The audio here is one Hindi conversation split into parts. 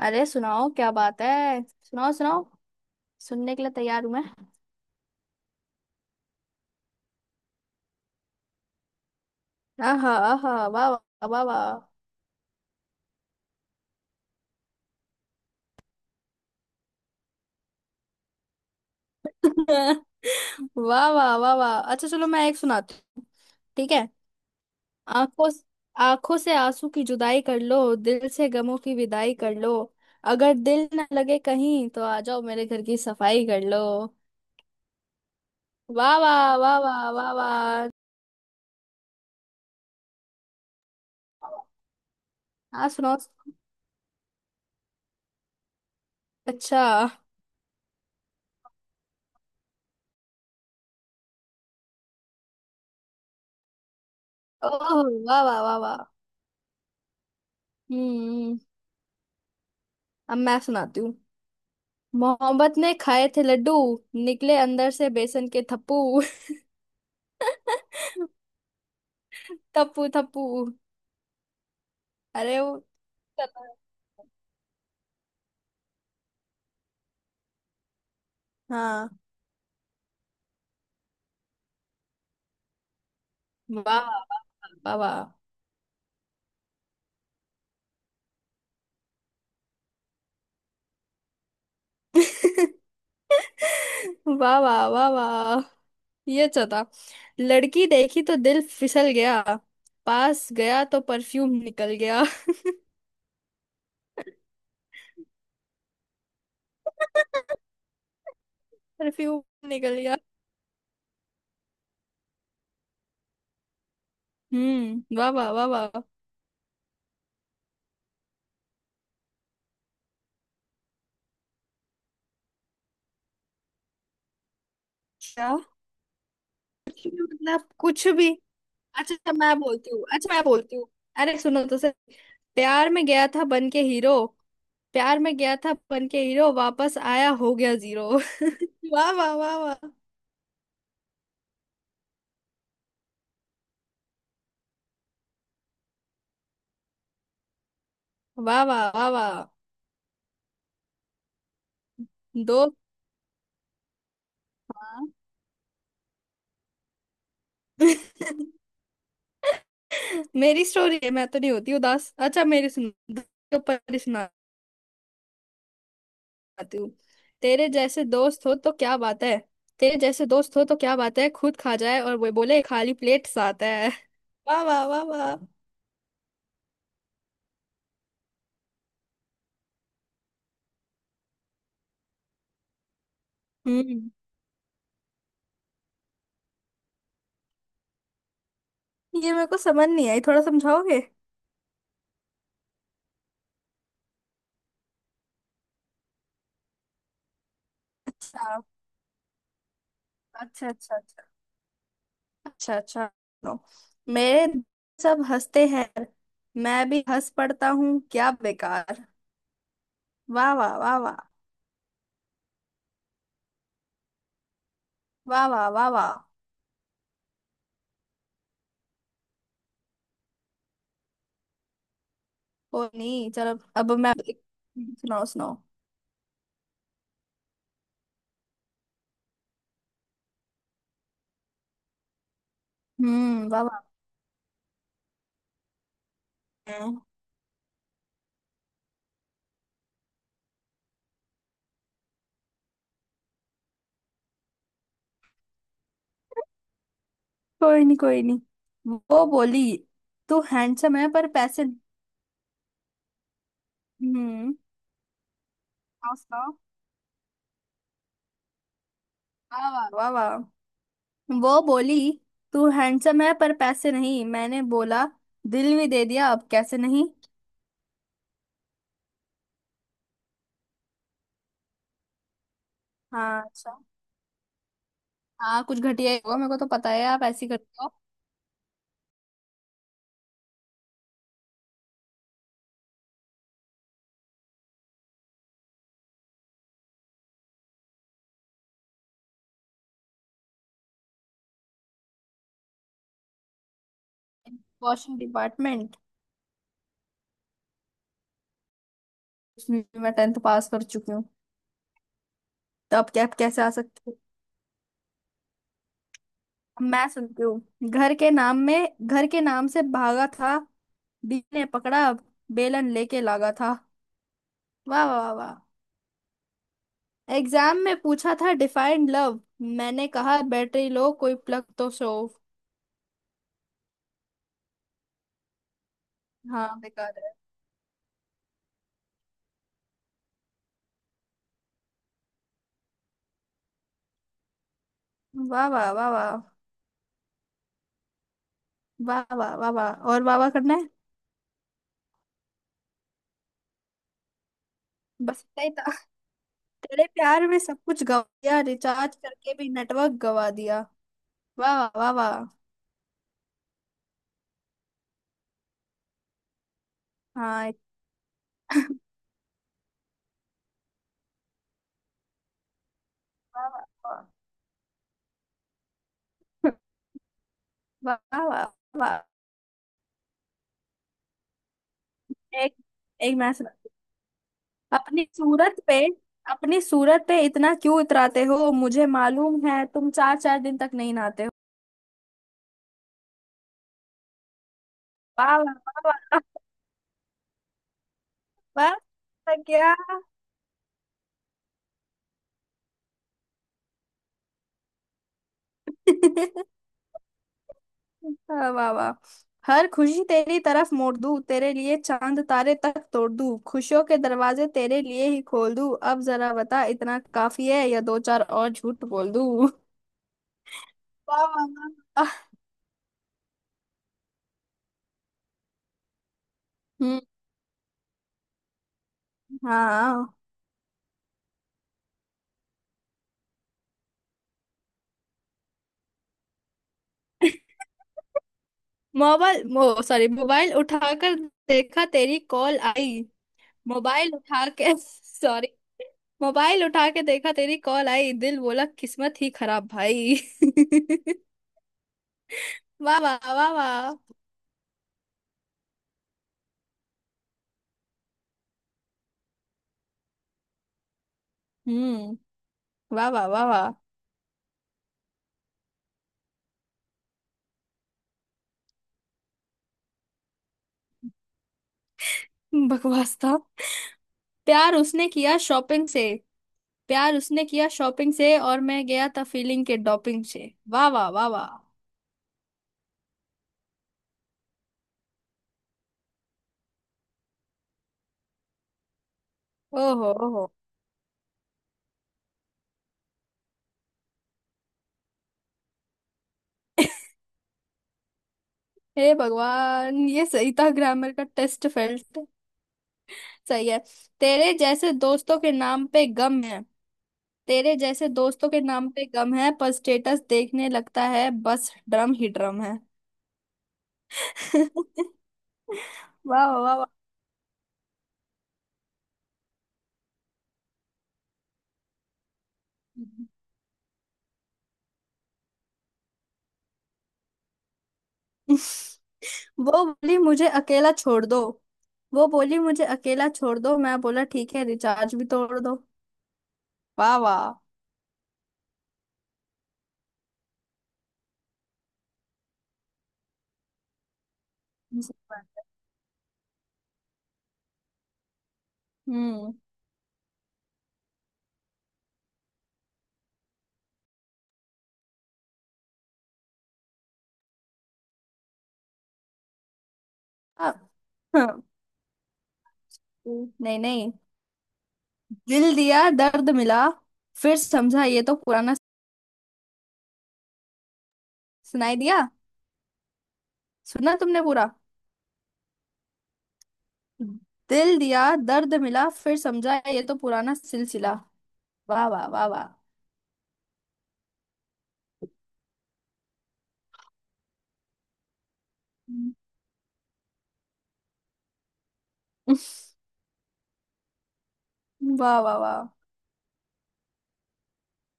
अरे सुनाओ क्या बात है सुनाओ सुनाओ। सुनने के लिए तैयार हूं मैं। आहा आहा वाह वाह वाह वाह। वाह वाह वाह वाह। अच्छा चलो मैं एक सुनाती हूँ। ठीक है। आंखों आंखों से आंसू की जुदाई कर लो दिल से गमों की विदाई कर लो। अगर दिल न लगे कहीं तो आ जाओ मेरे घर की सफाई कर लो। वाह वाह वाह वाह वाह वाह। हाँ सुनाओ। अच्छा। ओह। वाह वाह वाह वाह। हम्म। अब मैं सुनाती हूँ। मोहब्बत ने खाए थे लड्डू निकले अंदर से बेसन के थप्पू। थप्पू थप्पू। अरे वो। हाँ। वाह वाह वाह वाह। वाह वाह वाह वाह। ये चता लड़की देखी तो दिल फिसल गया पास गया तो परफ्यूम निकल गया। परफ्यूम निकल गया। वाह वाह वाह वाह। क्या। कुछ भी मतलब कुछ भी। अच्छा अच्छा, मैं बोलती हूँ अच्छा मैं बोलती हूँ। अरे सुनो तो सर, प्यार में गया था बन के हीरो, प्यार में गया था बन के हीरो वापस आया हो गया जीरो। वाह वाह वाह वाह वाह वाह वाह वाह। दोस्त वाह। मेरी स्टोरी है मैं तो नहीं होती उदास। अच्छा मेरी सुनो दोस्त के ऊपर ही सुनाती हूँ। तेरे जैसे दोस्त हो तो क्या बात है। तेरे जैसे दोस्त हो तो क्या बात है खुद खा जाए और वो बोले खाली प्लेट साथ है। वाह वाह वाह वाह। हम्म। ये मेरे को समझ नहीं आई थोड़ा समझाओगे। अच्छा अच्छा अच्छा। अच्छा अच्छा अच्छा सुनो, मेरे सब हंसते हैं मैं भी हंस पड़ता हूँ क्या बेकार। वाह वाह वाह वाह। वाह वाह वाह वाह। कोई नहीं चलो अब मैं एक- सुनाओ सुनाओ। वाह वाह। हम्म, कोई नहीं कोई नहीं। वो बोली तू हैंडसम है पर पैसे। हम्म। सुनाओ सुनाओ। वाह वाह वाह वाह। वो बोली तू हैंडसम है पर पैसे नहीं मैंने बोला दिल भी दे दिया अब कैसे नहीं। हाँ अच्छा। हाँ कुछ घटिया ही होगा मेरे को तो पता है आप ऐसी करते हो। वॉशिंग डिपार्टमेंट उसमें भी मैं टेंथ पास कर चुकी हूँ। तो अब क्या अब कैसे आ सकती हूँ। अब मैं सुनती हूँ। घर के नाम में घर के नाम से भागा था बी ने पकड़ा बेलन लेके लागा था। वाह वाह वाह। एग्जाम में पूछा था डिफाइंड लव मैंने कहा बैटरी लो कोई प्लग तो शो। हाँ बेकार है। वाह वाह वाह वाह वाह वाह वाह वाह और वाह वाह करना है। बस इतना ही था। तेरे प्यार में सब कुछ गवा दिया रिचार्ज करके भी नेटवर्क गवा दिया। वाह वाह वाह वाह। हाँ एक-। वाह वाह वाह वाह वाह, वाह। एक एक मैं सुनाती हूँ। अपनी सूरत पे, अपनी सूरत पे इतना क्यों इतराते हो मुझे मालूम है तुम चार चार दिन तक नहीं नहाते हो। वाह वाह वाह वाह। वाह वाह, क्या। हाँ, वाह वाह। हर खुशी तेरी तरफ मोड़ दूं तेरे लिए चांद तारे तक तोड़ दूं खुशियों के दरवाजे तेरे लिए ही खोल दूं अब जरा बता इतना काफी है या दो चार और झूठ बोल दूं। वाह वाह, वाह, वाह। हम्म। हाँ। मोबाइल मो सॉरी मोबाइल उठाकर देखा तेरी कॉल आई। मोबाइल उठा के सॉरी। मोबाइल उठा के देखा तेरी कॉल आई दिल बोला किस्मत ही खराब भाई। वाह वाह वाह वाह। हम्म वाह वाह वाह वाह। बकवास था। प्यार उसने किया शॉपिंग से, प्यार उसने किया शॉपिंग से और मैं गया था फीलिंग के डॉपिंग से। वाह वाह वाह वाह। ओहो ओहो। हे भगवान ये सही था ग्रामर का टेस्ट फेल्ट। सही है। तेरे जैसे दोस्तों के नाम पे गम है, तेरे जैसे दोस्तों के नाम पे गम है पर स्टेटस देखने लगता है बस ड्रम ही ड्रम है। वाह वाह वाह वाह। वो बोली मुझे अकेला छोड़ दो, वो बोली मुझे अकेला छोड़ दो मैं बोला ठीक है रिचार्ज भी तोड़ दो। वाह वाह। हम्म। अब-। हम्म, नहीं नहीं। दिल दिया दर्द मिला फिर समझा ये तो पुराना। सुनाई दिया। सुना तुमने पूरा। दिल दिया दर्द मिला फिर समझा ये तो पुराना सिलसिला। वाह वाह वाह वाह। हम्म। वाह वाह वाह।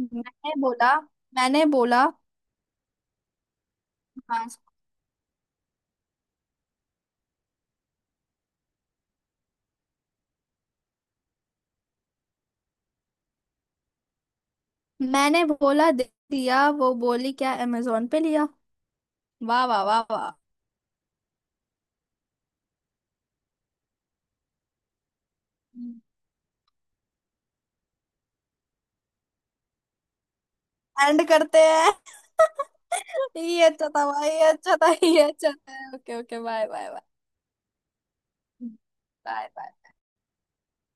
मैंने बोला। मैंने बोला। हाँ। मैंने बोला दे दिया वो बोली क्या अमेजोन पे लिया। वाह वाह वाह वाह। एंड करते हैं। ये अच्छा था भाई ये अच्छा था okay okay bye bye bye. Bye bye.